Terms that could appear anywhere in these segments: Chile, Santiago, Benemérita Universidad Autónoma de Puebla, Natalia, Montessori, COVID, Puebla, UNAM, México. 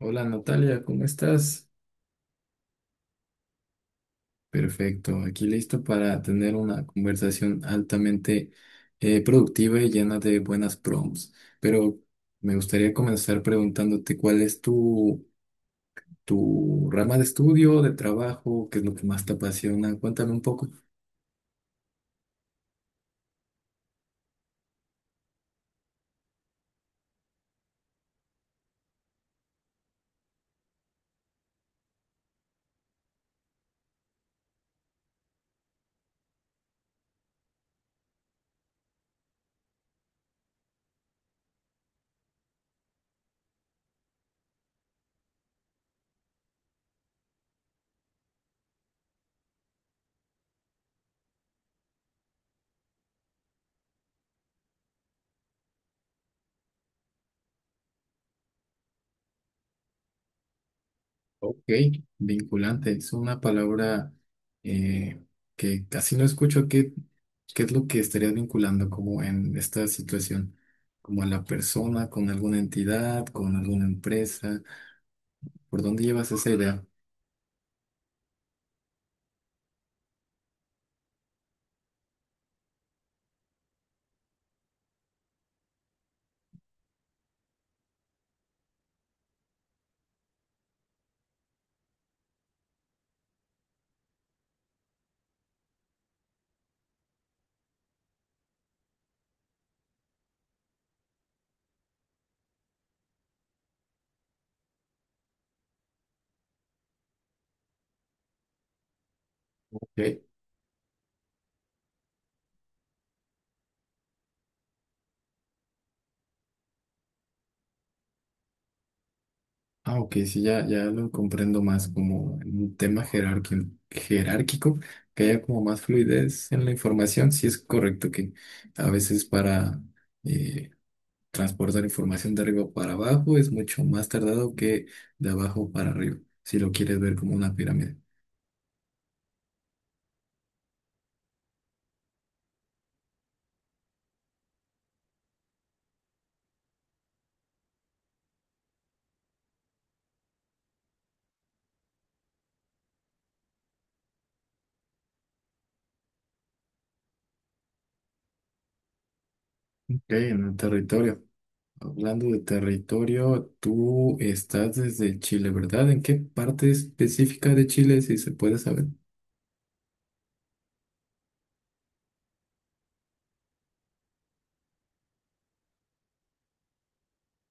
Hola Natalia, ¿cómo estás? Perfecto, aquí listo para tener una conversación altamente productiva y llena de buenas prompts. Pero me gustaría comenzar preguntándote cuál es tu rama de estudio, de trabajo, qué es lo que más te apasiona. Cuéntame un poco. Ok, vinculante, es una palabra eh, que casi no escucho. ¿Qué es lo que estarías vinculando como en esta situación? ¿Como a la persona, con alguna entidad, con alguna empresa? ¿Por dónde llevas esa idea? Ok. Ah, ok, sí, ya lo comprendo más como en un tema jerárquico, que haya como más fluidez en la información. Sí es correcto que a veces para... eh, Transportar información de arriba para abajo es mucho más tardado que de abajo para arriba, si lo quieres ver como una pirámide. Ok, en el territorio. Hablando de territorio, tú estás desde Chile, ¿verdad? ¿En qué parte específica de Chile, si se puede saber?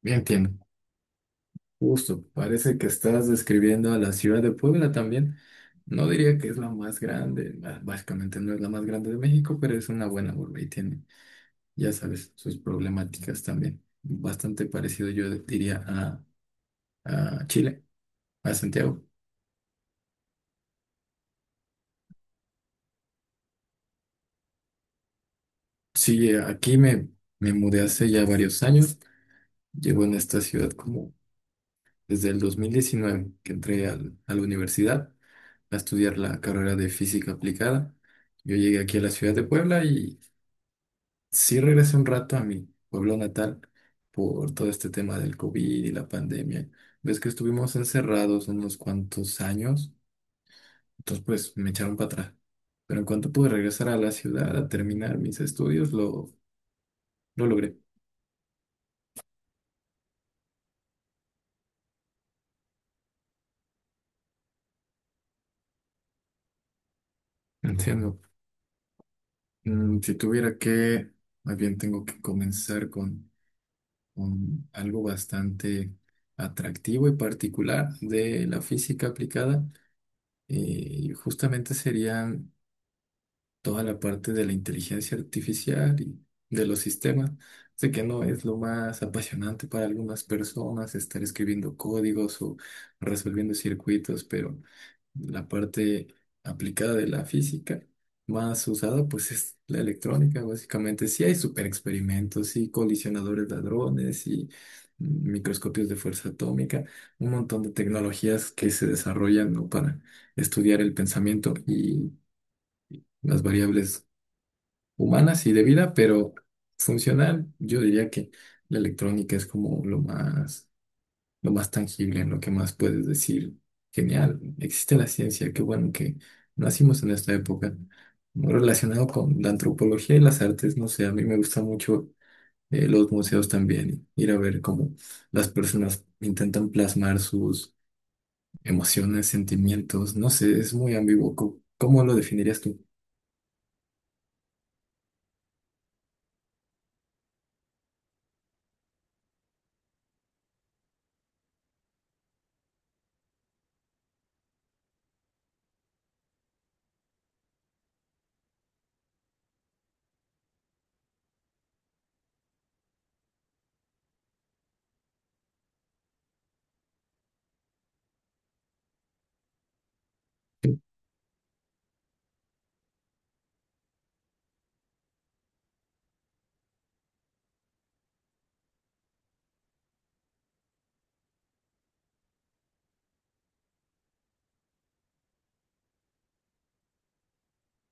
Bien, entiendo. Justo, parece que estás describiendo a la ciudad de Puebla también. No diría que es la más grande, bah, básicamente no es la más grande de México, pero es una buena urbe y tiene, ya sabes, sus problemáticas también. Bastante parecido, yo diría, a Chile, a Santiago. Sí, aquí me mudé hace ya varios años. Llevo en esta ciudad como desde el 2019 que entré a la universidad a estudiar la carrera de física aplicada. Yo llegué aquí a la ciudad de Puebla y sí regresé un rato a mi pueblo natal por todo este tema del COVID y la pandemia. Ves que estuvimos encerrados unos cuantos años. Entonces, pues me echaron para atrás. Pero en cuanto pude regresar a la ciudad a terminar mis estudios, lo logré. Entiendo. Mm, si tuviera que, Más bien tengo que comenzar con algo bastante atractivo y particular de la física aplicada, y justamente serían toda la parte de la inteligencia artificial y de los sistemas. Sé que no es lo más apasionante para algunas personas estar escribiendo códigos o resolviendo circuitos, pero la parte aplicada de la física más usada pues es la electrónica, básicamente. Sí hay super experimentos y colisionadores de hadrones y microscopios de fuerza atómica, un montón de tecnologías que se desarrollan, ¿no? Para estudiar el pensamiento y las variables humanas y de vida, pero funcional, yo diría que la electrónica es como lo más tangible, en lo que más puedes decir, genial, existe la ciencia, qué bueno que nacimos en esta época. Relacionado con la antropología y las artes, no sé, a mí me gusta mucho, los museos también, ir a ver cómo las personas intentan plasmar sus emociones, sentimientos, no sé, es muy ambiguo. ¿Cómo lo definirías tú?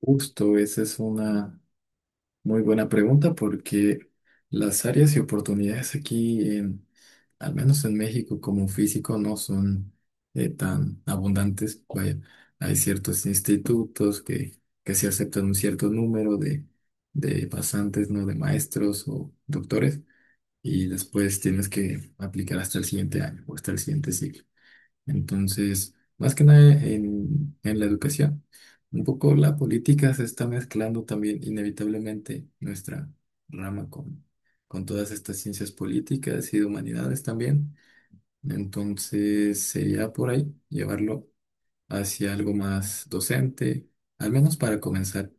Justo, esa es una muy buena pregunta porque las áreas y oportunidades aquí, al menos en México como físico, no son, tan abundantes. Vaya, hay ciertos institutos que se aceptan un cierto número de pasantes, ¿no? De maestros o doctores y después tienes que aplicar hasta el siguiente año o hasta el siguiente ciclo. Entonces, más que nada en la educación, un poco la política se está mezclando también inevitablemente nuestra rama con todas estas ciencias políticas y de humanidades también. Entonces, sería por ahí llevarlo hacia algo más docente, al menos para comenzar.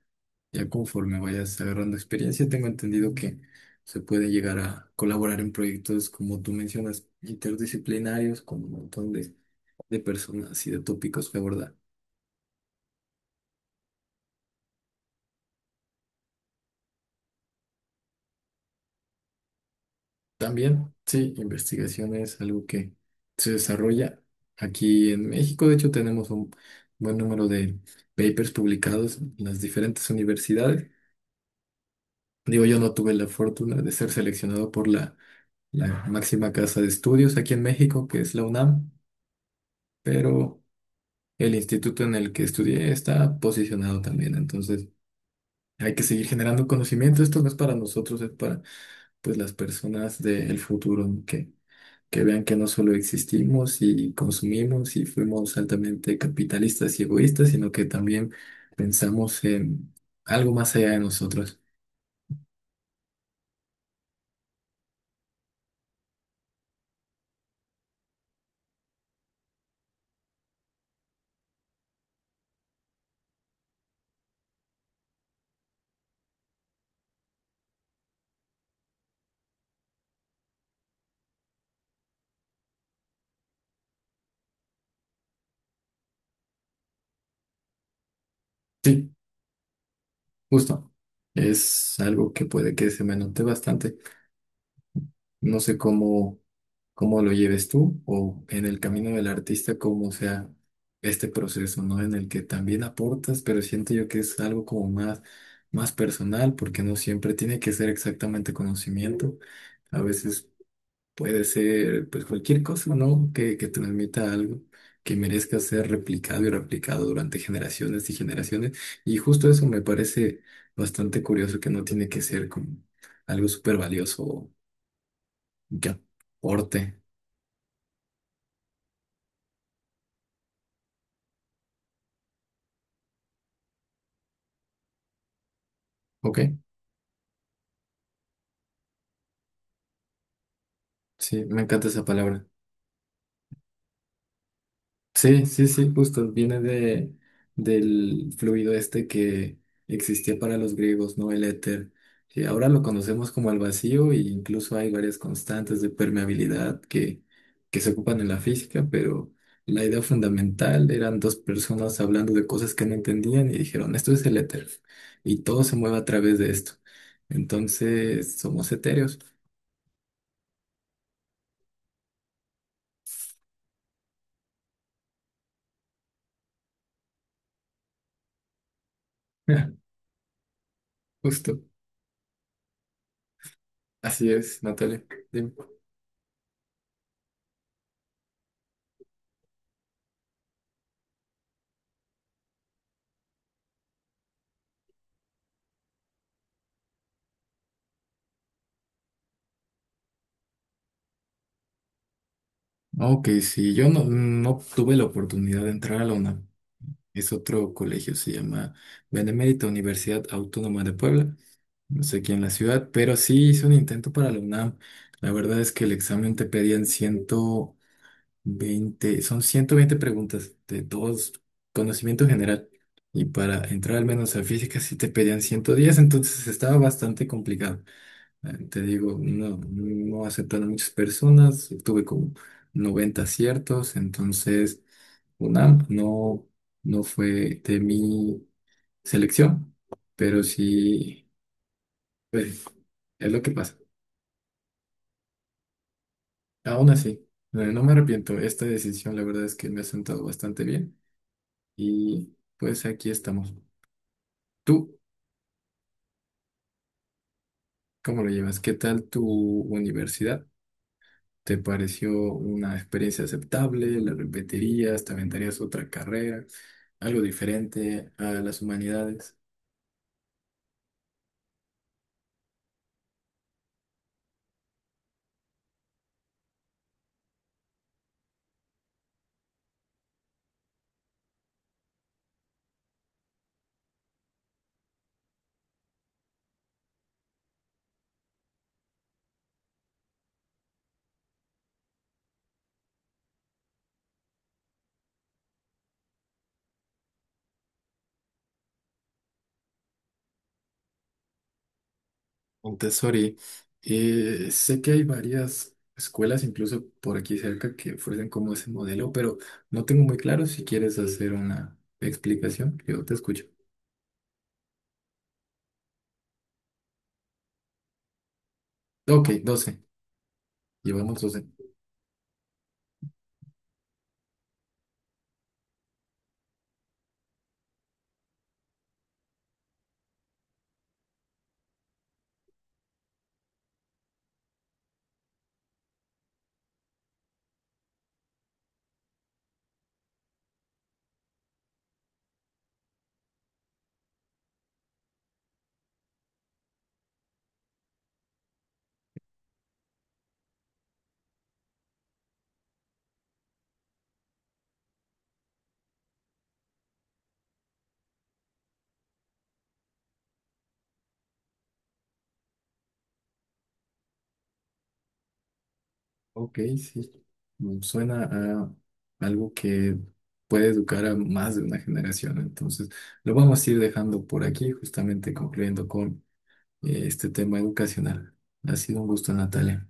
Ya conforme vayas agarrando experiencia, tengo entendido que se puede llegar a colaborar en proyectos, como tú mencionas, interdisciplinarios, con un montón de personas y de tópicos que abordar. También, sí, investigación es algo que se desarrolla aquí en México. De hecho, tenemos un buen número de papers publicados en las diferentes universidades. Digo, yo no tuve la fortuna de ser seleccionado por la máxima casa de estudios aquí en México, que es la UNAM, pero el instituto en el que estudié está posicionado también. Entonces, hay que seguir generando conocimiento. Esto no es para nosotros, es para, pues, las personas del futuro, ¿no? que vean que no solo existimos y consumimos y fuimos altamente capitalistas y egoístas, sino que también pensamos en algo más allá de nosotros. Sí, justo. Es algo que puede que se me note bastante. No sé cómo lo lleves tú o en el camino del artista, cómo sea este proceso, ¿no? En el que también aportas, pero siento yo que es algo como más personal, porque no siempre tiene que ser exactamente conocimiento. A veces puede ser, pues, cualquier cosa, ¿no? Que transmita algo que merezca ser replicado y replicado durante generaciones y generaciones. Y justo eso me parece bastante curioso, que no tiene que ser como algo súper valioso o que aporte. ¿Ok? Sí, me encanta esa palabra. Sí, sí, sí, justo. Viene del fluido este que existía para los griegos, ¿no? El éter, que ahora lo conocemos como el vacío e incluso hay varias constantes de permeabilidad que se ocupan en la física, pero la idea fundamental eran dos personas hablando de cosas que no entendían y dijeron, esto es el éter y todo se mueve a través de esto. Entonces, somos etéreos. Justo. Así es, Natalia. Dime. Ok, sí, yo no tuve la oportunidad de entrar a la UNAM. Es otro colegio, se llama Benemérita Universidad Autónoma de Puebla. No sé quién en la ciudad, pero sí hice un intento para la UNAM. La verdad es que el examen te pedían 120, son 120 preguntas de dos conocimiento general. Y para entrar al menos a física sí te pedían 110. Entonces estaba bastante complicado. Te digo, no aceptaron muchas personas, tuve como 90 aciertos, entonces UNAM no fue de mi selección, pero sí, pues, es lo que pasa. Aún así, no me arrepiento, esta decisión la verdad es que me ha sentado bastante bien y pues aquí estamos. ¿Tú cómo lo llevas? ¿Qué tal tu universidad? ¿Te pareció una experiencia aceptable? ¿La repetirías? ¿Te aventarías otra carrera? ¿Algo diferente a las humanidades? Montessori. Sé que hay varias escuelas, incluso por aquí cerca, que ofrecen como ese modelo, pero no tengo muy claro si quieres hacer una explicación. Yo te escucho. Ok, 12. Llevamos 12. Ok, sí. Suena a algo que puede educar a más de una generación. Entonces, lo vamos a ir dejando por aquí, justamente concluyendo con, este tema educacional. Ha sido un gusto, Natalia.